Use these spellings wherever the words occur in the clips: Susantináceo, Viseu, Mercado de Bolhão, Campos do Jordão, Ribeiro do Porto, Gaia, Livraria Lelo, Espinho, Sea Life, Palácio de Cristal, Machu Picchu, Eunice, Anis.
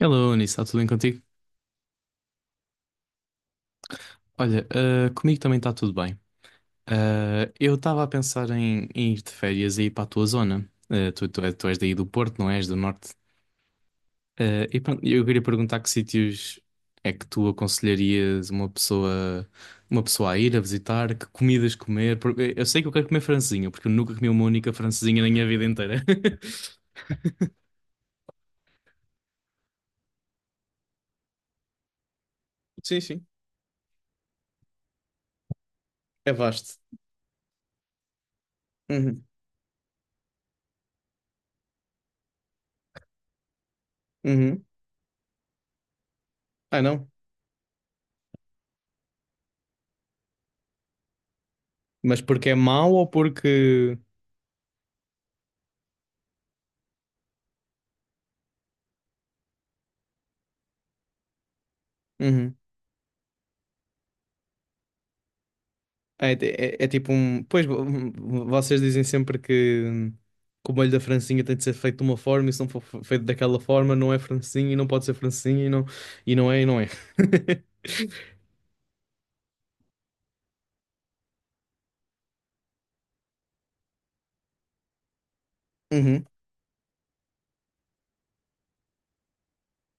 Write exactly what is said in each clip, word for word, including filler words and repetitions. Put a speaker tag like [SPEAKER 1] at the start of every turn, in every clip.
[SPEAKER 1] Hello, Anis, está tudo bem contigo? Olha, ah, comigo também está tudo bem. Ah, eu estava a pensar em, em ir de férias e ir para a tua zona. Ah, tu, tu, tu és daí do Porto, não és? Do Norte. Ah, e pronto, eu queria perguntar que sítios é que tu aconselharias uma pessoa, uma pessoa a ir a visitar, que comidas comer, porque eu sei que eu quero comer francesinha, porque eu nunca comi uma única francesinha na minha vida inteira. Sim, sim, é vasto. Uhum, uhum. Ah, não. Mas porque é mau ou porque? Uhum. É, é- é é tipo um. Pois vo- um, vocês dizem sempre que, que o molho da francesinha tem de ser feito de uma forma, e se não for fe- feito daquela forma, não é francesinha e não pode ser francesinha e não, e não é e não é. Uhum.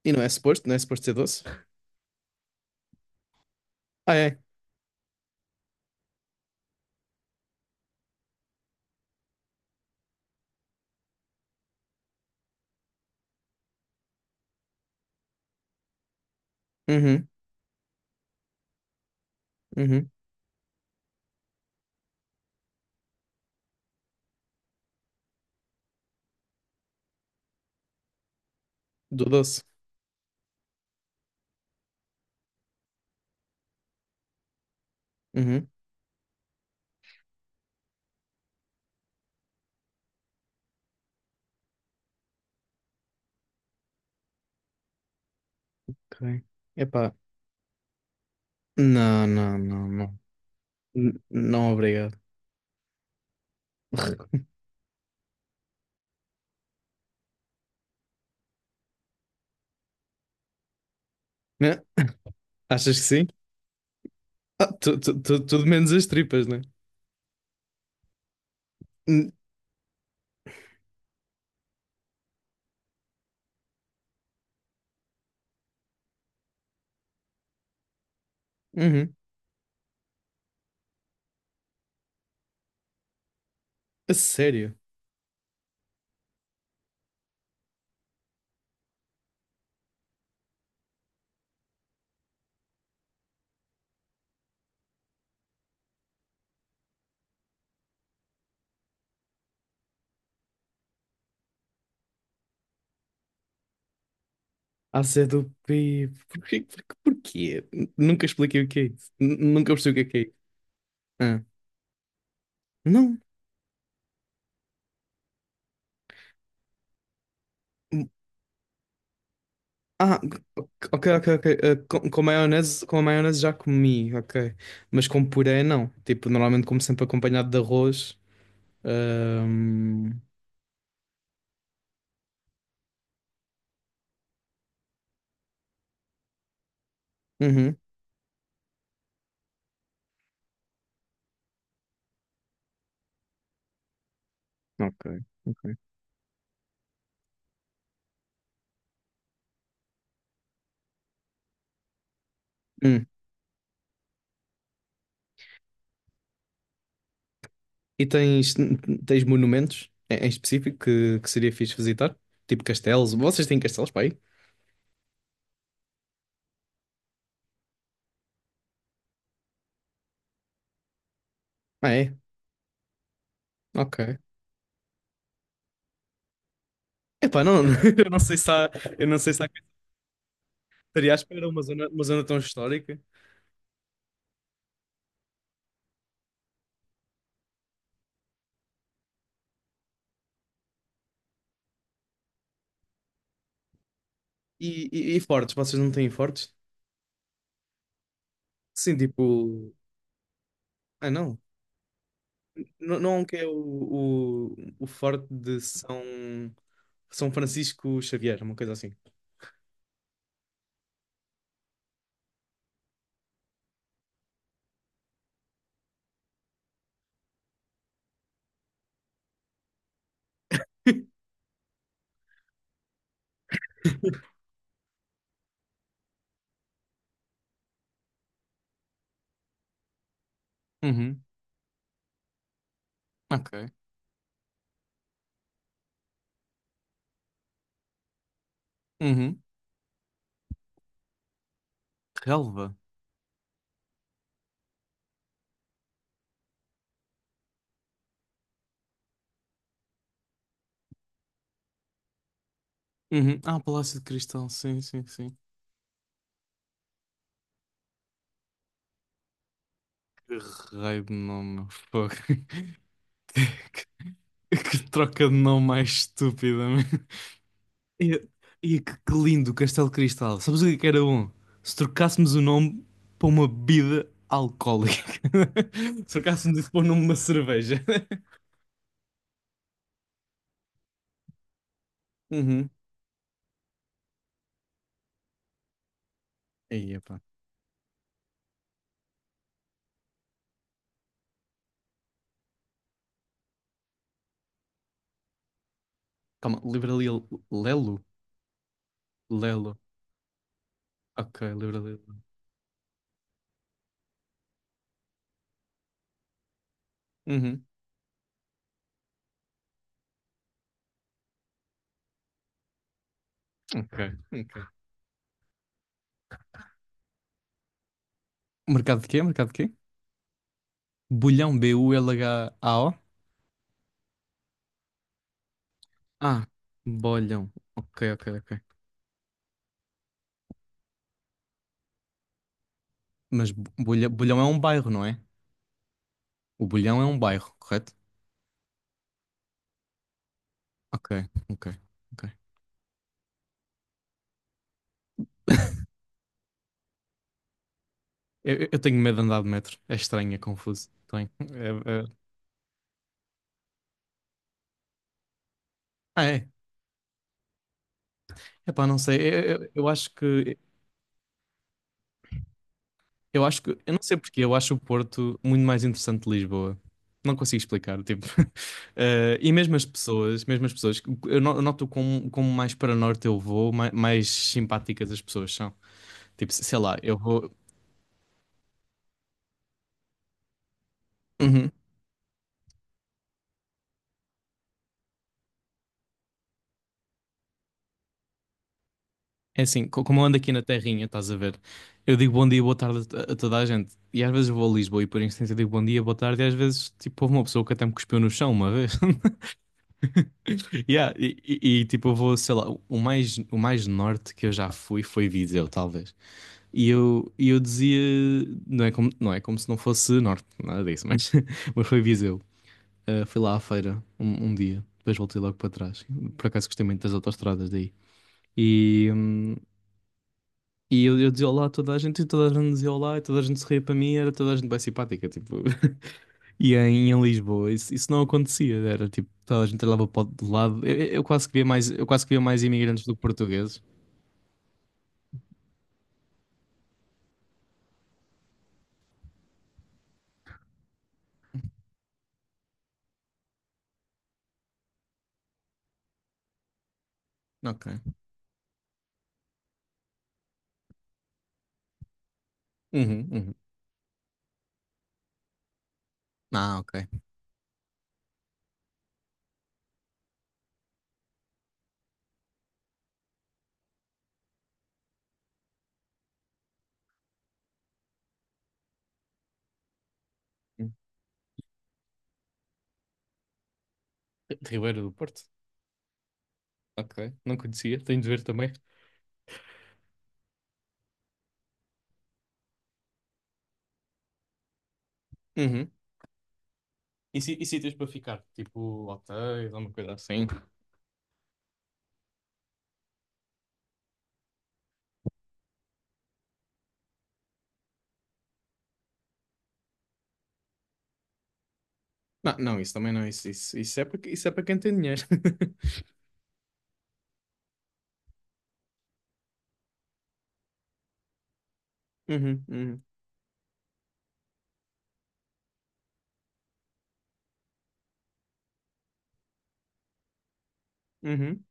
[SPEAKER 1] E não é suposto, não é suposto ser doce. Ah, é. Uhum. Uhum. Do doce. Uhum. Ok. Epá. Não, não, não, não. N- não, obrigado. Né? Achas que sim? Ah, tu- tu- tu- tudo menos as tripas, né? N- Uhum. A sério. A C do P. Porquê? Porquê? Porquê? Nunca expliquei o que é isso. N- Nunca percebi o que é que é isso. Ah, não. Ah, ok, ok, ok. Ah, com, com maionese, com a maionese já comi, ok. Mas com puré não. Tipo, normalmente como sempre acompanhado de arroz. Ahm, Uhum. Ok, ok. Hum, E tens, tens monumentos em em específico que, que seria fixe visitar? Tipo castelos. Vocês têm castelos para aí? Ah, é? Ok. Epá, não, eu não sei se há, eu não sei se estaria à espera uma zona, uma zona tão histórica. E, e, e fortes, vocês não têm fortes? Sim, tipo. Ah, não. Não, não é um que é o, o, o forte de São, São Francisco Xavier, uma coisa assim. Uhum. Ok. Uhum. Relva. Uhum. Ah, Palácio de Cristal, sim, sim, sim. Que raio de nome, meu fogo. Que, que troca de nome mais estúpida, meu. E, e que, que lindo Castelo Cristal. Sabes o que é que era bom? Se trocássemos o nome para uma bebida alcoólica. Se trocássemos isso para o nome de uma cerveja. Uhum. Aí, epá. Calma, Livraria Lelo? Lelo. Ok, Livraria Lelo. Uhum. Ok, ok. Mercado de quê? Mercado de quê? Bulhão, B U L H A O? Ah, Bolhão. Ok, ok, ok. Mas Bu- Bulha- Bulhão é um bairro, não é? O Bulhão é um bairro, correto? Ok, ok, ok. Eu, eu tenho medo de andar de metro. É estranho, é confuso. Tenho. É, é... Ah, é. Epá, não sei. Eu, eu, eu acho que. Eu acho que. Eu não sei porquê. Eu acho o Porto muito mais interessante de Lisboa. Não consigo explicar. Tipo. Eh, e mesmo as pessoas. Mesmo as pessoas. Eu no- eu noto como, como mais para norte eu vou, mais, mais simpáticas as pessoas são. Tipo, sei lá, eu vou. Uhum. É assim, co- como eu ando aqui na terrinha, estás a ver? Eu digo bom dia, boa tarde a a toda a gente. E às vezes vou a Lisboa e por instinto eu digo bom dia, boa tarde. E às vezes, tipo, houve uma pessoa que até me cuspiu no chão uma vez. Yeah, e, e- e, tipo, eu vou, sei lá, o mais, o mais norte que eu já fui foi Viseu, talvez. E eu, e eu dizia, não é como, não é como se não fosse norte, nada disso, mas, mas foi Viseu. Ah, fui lá à feira um, um dia, depois voltei logo para trás. Por acaso gostei muito das autoestradas daí. E, hum, E eu, eu dizia olá a toda a gente, e toda a gente dizia olá, e toda a gente sorria para mim, era toda a gente bem simpática, tipo. E em, em Lisboa isso, isso não acontecia, era tipo, toda a gente olhava para o de lado. Eu, eu- eu quase que via mais, eu quase que via mais imigrantes do que portugueses. Ok. Uhum, uhum. Ah, ok. Hum. Ribeiro do Porto? Ok, não conhecia, tenho de ver também. Uhum. E, si- e sítios para ficar? Tipo, hotéis, alguma coisa assim? Não, não, isso também não, isso, isso, isso é para, isso é para quem tem dinheiro. Uhum, uhum, uhum.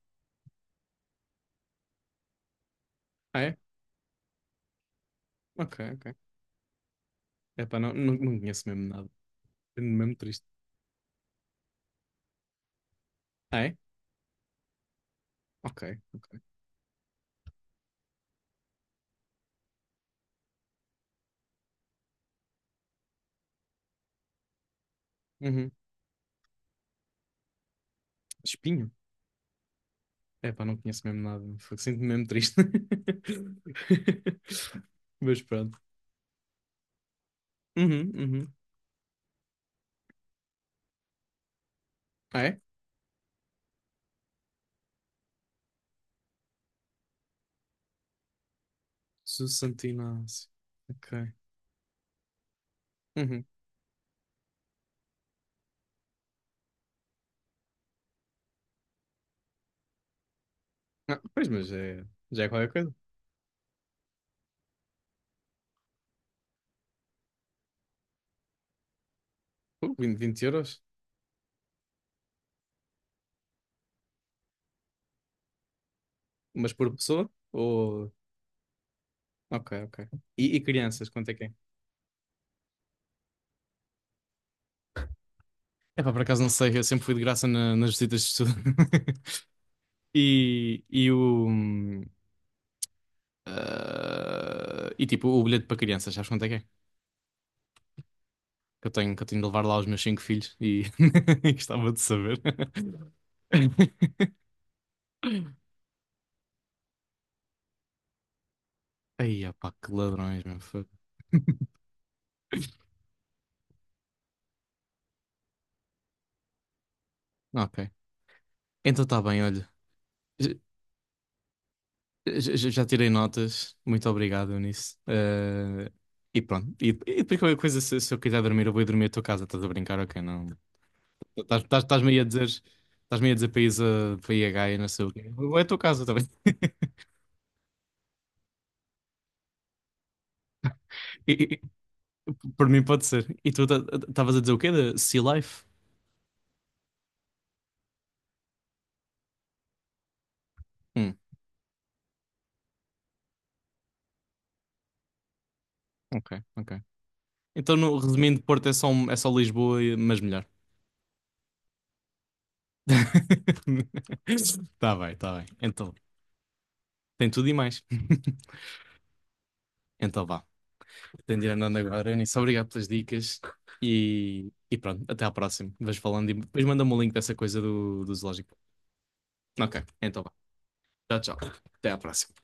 [SPEAKER 1] Ah, é? Ok, ok. Epá, não, não, não conheço mesmo nada. Tenho mesmo triste. Ah, é? Ok, ok. Uhum. Espinho? Epá, não conheço mesmo nada. Fogo, sinto-me mesmo triste. Mas pronto. Uhum, uhum. Ah, é? Susantináceo. Ok. Uhum. Ah, pois, mas é, já é qualquer coisa. Uh, 20, 20 euros? Mas por pessoa? Ou... Ok, ok. E, e crianças, quanto é que é? Epá, por acaso não sei. Eu sempre fui de graça na- nas visitas de estudo. E, e o. Ah, e tipo, o bilhete para crianças, sabes quanto é que é? Que eu tenho, que eu tenho de levar lá os meus cinco filhos e e gostava de saber. Aí, opá, que ladrões, meu fogo. Ok. Então está bem, olha. J- j- Já tirei notas. Muito obrigado nisso. Eh, e pronto. E, e depois qualquer coisa, se, se eu quiser dormir, eu vou ir dormir à tua casa. Estás a brincar? Ok, não. Estás- estás- Estás-me aí a dizer. Estás-me aí a dizer país a, para ir a Gaia, não sei o quê. Ou é tua casa também. E, Por mim pode ser. E tu estavas a dizer o quê? De Sea Life? Hum, ok, ok. Então, no, resumindo, Porto é só, um- é só Lisboa, e- mas melhor. Tá bem, tá bem. Então, tem tudo e mais. Então vá. Tenho de ir andando agora, Eunice. Obrigado pelas dicas. E, e pronto, até à próxima. Vais falando e depois manda-me o link dessa coisa do, do zoológico. Ok, então vá. Tchau, tchau. Até à próxima.